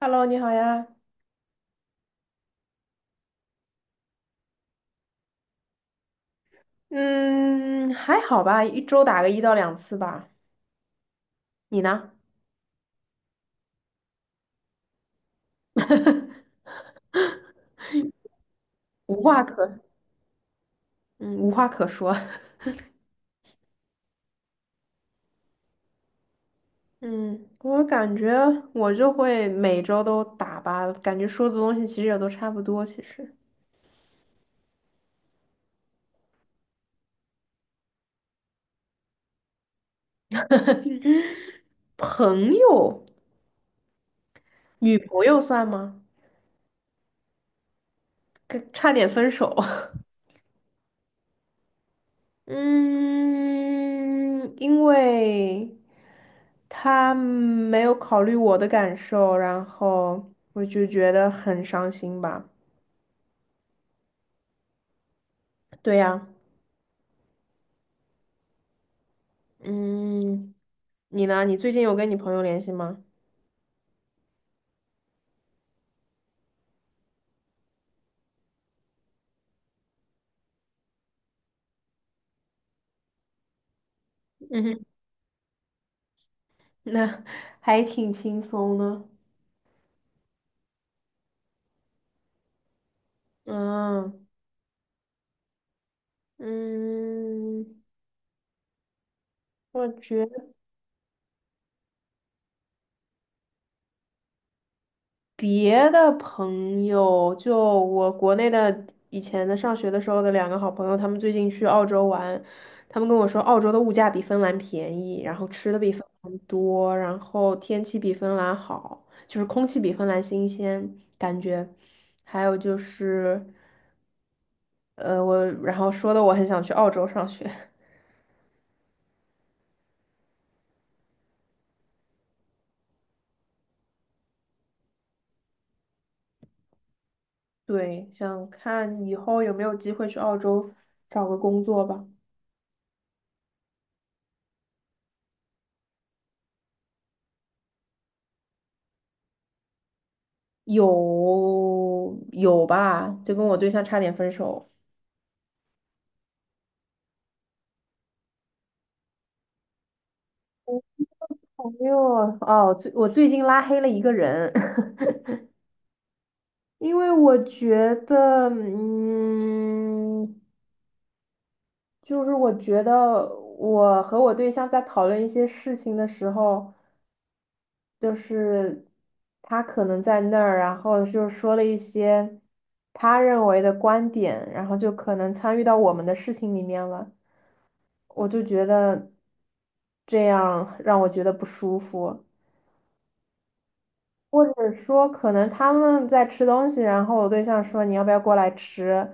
Hello，你好呀。嗯，还好吧，一周打个一到两次吧。你呢？无话可，嗯，无话可说。嗯，我感觉我就会每周都打吧，感觉说的东西其实也都差不多。朋友，女朋友算吗？跟差点分手。嗯，因为他没有考虑我的感受，然后我就觉得很伤心吧。对呀，嗯，你呢？你最近有跟你朋友联系吗？嗯哼，那还挺轻松的。嗯嗯，我觉得别的朋友，就我国内的以前的上学的时候的两个好朋友，他们最近去澳洲玩，他们跟我说澳洲的物价比芬兰便宜，然后吃的比芬兰多，然后天气比芬兰好，就是空气比芬兰新鲜，感觉。还有就是，我然后说的我很想去澳洲上学，对，想看以后有没有机会去澳洲找个工作吧。有吧，就跟我对象差点分手。朋友哦，我最近拉黑了一个人，因为我觉得，就是我觉得我和我对象在讨论一些事情的时候。就是他可能在那儿，然后就说了一些他认为的观点，然后就可能参与到我们的事情里面了。我就觉得这样让我觉得不舒服，或者说可能他们在吃东西，然后我对象说你要不要过来吃，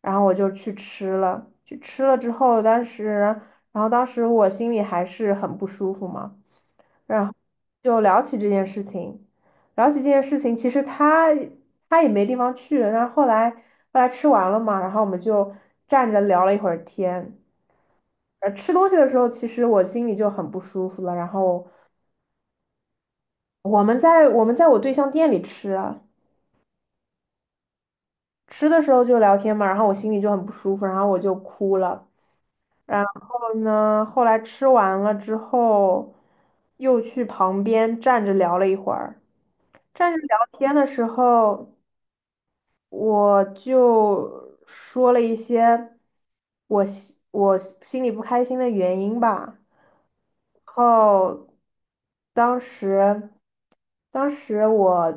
然后我就去吃了，去吃了之后，当时，然后当时我心里还是很不舒服嘛。然后就聊起这件事情，聊起这件事情，其实他也没地方去，然后后来吃完了嘛，然后我们就站着聊了一会儿天。吃东西的时候，其实我心里就很不舒服了。然后我们在我对象店里吃啊，吃的时候就聊天嘛，然后我心里就很不舒服，然后我就哭了。然后呢，后来吃完了之后，又去旁边站着聊了一会儿。站着聊天的时候。我就说了一些我心里不开心的原因吧。然后当时，当时我，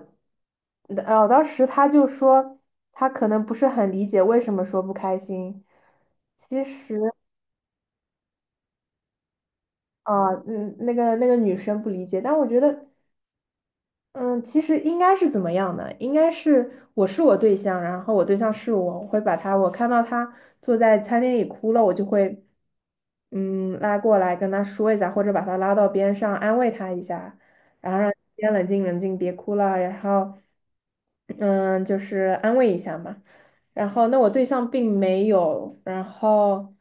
哦当时他就说他可能不是很理解为什么说不开心。其实那个女生不理解，但我觉得。嗯，其实应该是怎么样的？应该是我是我对象，然后我对象是我，我会把他，我看到他坐在餐厅里哭了，我就会，嗯，拉过来跟他说一下，或者把他拉到边上安慰他一下，然后让他先冷静冷静，别哭了，然后，嗯，就是安慰一下嘛。然后那我对象并没有，然后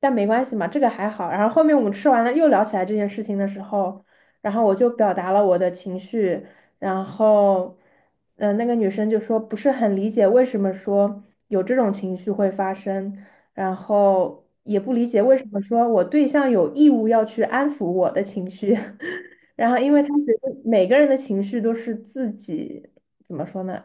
但没关系嘛，这个还好。然后后面我们吃完了又聊起来这件事情的时候。然后我就表达了我的情绪，然后，那个女生就说不是很理解为什么说有这种情绪会发生，然后也不理解为什么说我对象有义务要去安抚我的情绪，然后因为她觉得每个人的情绪都是自己怎么说呢？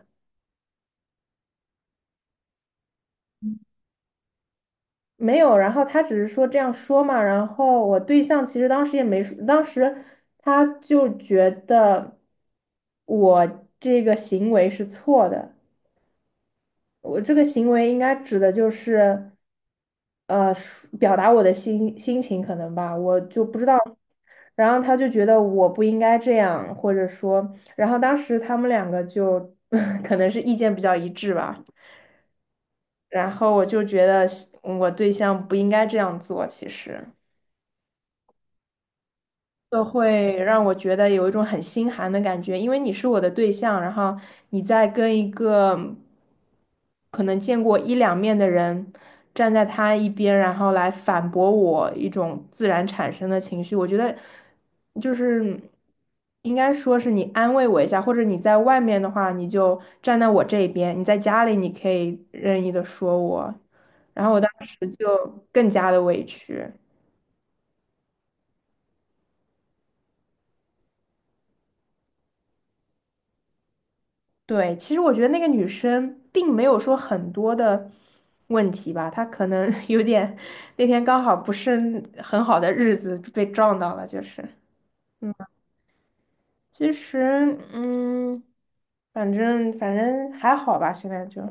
没有，然后她只是说这样说嘛，然后我对象其实当时也没说，当时他就觉得我这个行为是错的。我这个行为应该指的就是，表达我的心情可能吧，我就不知道。然后他就觉得我不应该这样，或者说，然后当时他们两个就 可能是意见比较一致吧。然后我就觉得我对象不应该这样做，其实。都会让我觉得有一种很心寒的感觉，因为你是我的对象，然后你在跟一个可能见过一两面的人站在他一边，然后来反驳我一种自然产生的情绪，我觉得就是应该说是你安慰我一下，或者你在外面的话，你就站在我这一边；你在家里，你可以任意的说我，然后我当时就更加的委屈。对，其实我觉得那个女生并没有说很多的问题吧，她可能 有点那天刚好不是很好的日子被撞到了，就是，嗯，其实，嗯，反正还好吧，现在就，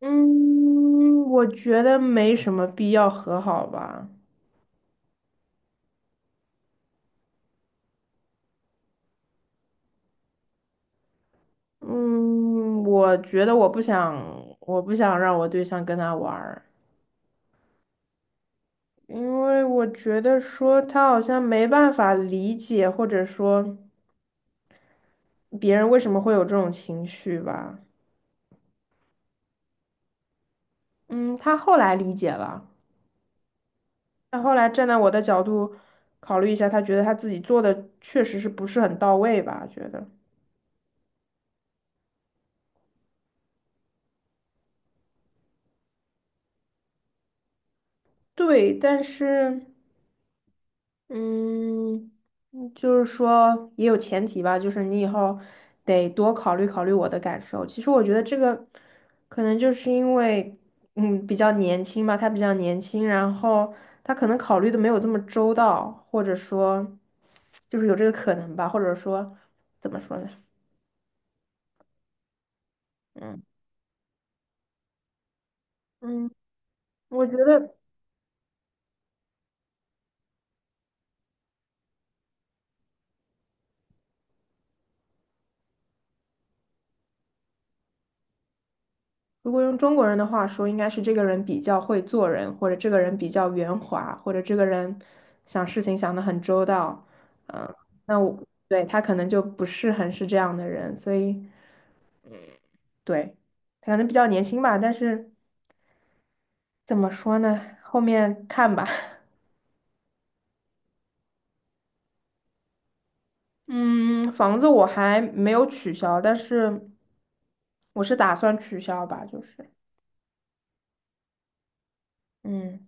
嗯，我觉得没什么必要和好吧，嗯，我觉得我不想，我不想让我对象跟他玩儿。因为我觉得说他好像没办法理解，或者说别人为什么会有这种情绪吧。嗯，他后来理解了，他后来站在我的角度考虑一下，他觉得他自己做的确实是不是很到位吧，觉得。对，但是嗯，嗯就是说也有前提吧，就是你以后得多考虑考虑我的感受。其实我觉得这个可能就是因为，比较年轻吧，他比较年轻，然后他可能考虑的没有这么周到，或者说就是有这个可能吧，或者说怎么说呢？嗯嗯，我觉得。如果用中国人的话说，应该是这个人比较会做人，或者这个人比较圆滑，或者这个人想事情想得很周到。嗯，那我对他可能就不是很是这样的人，所以对他可能比较年轻吧。但是怎么说呢？后面看吧。嗯，房子我还没有取消，但是我是打算取消吧，就是嗯。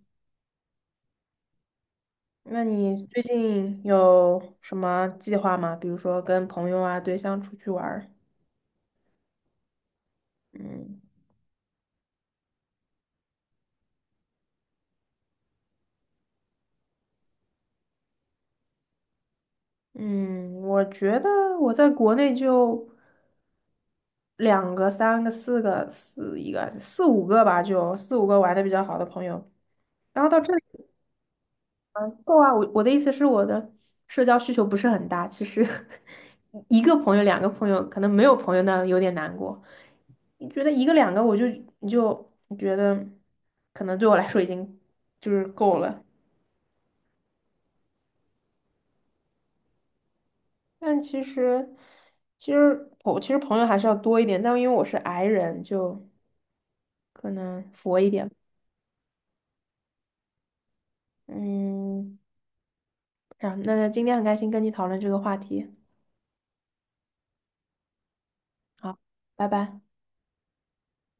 那你最近有什么计划吗？比如说跟朋友啊、对象出去玩儿？嗯嗯，我觉得我在国内就两个、三个、四个、四一个、四五个吧，就四五个玩的比较好的朋友。然后到这里了够啊，我的意思是我的社交需求不是很大，其实 一个朋友、两个朋友，可能没有朋友那有点难过。你觉得一个两个，你就觉得可能对我来说已经就是够了。但其实，其实我其实朋友还是要多一点，但因为我是 i 人，就可能佛一点。嗯，啊，那今天很开心跟你讨论这个话题，好，拜拜。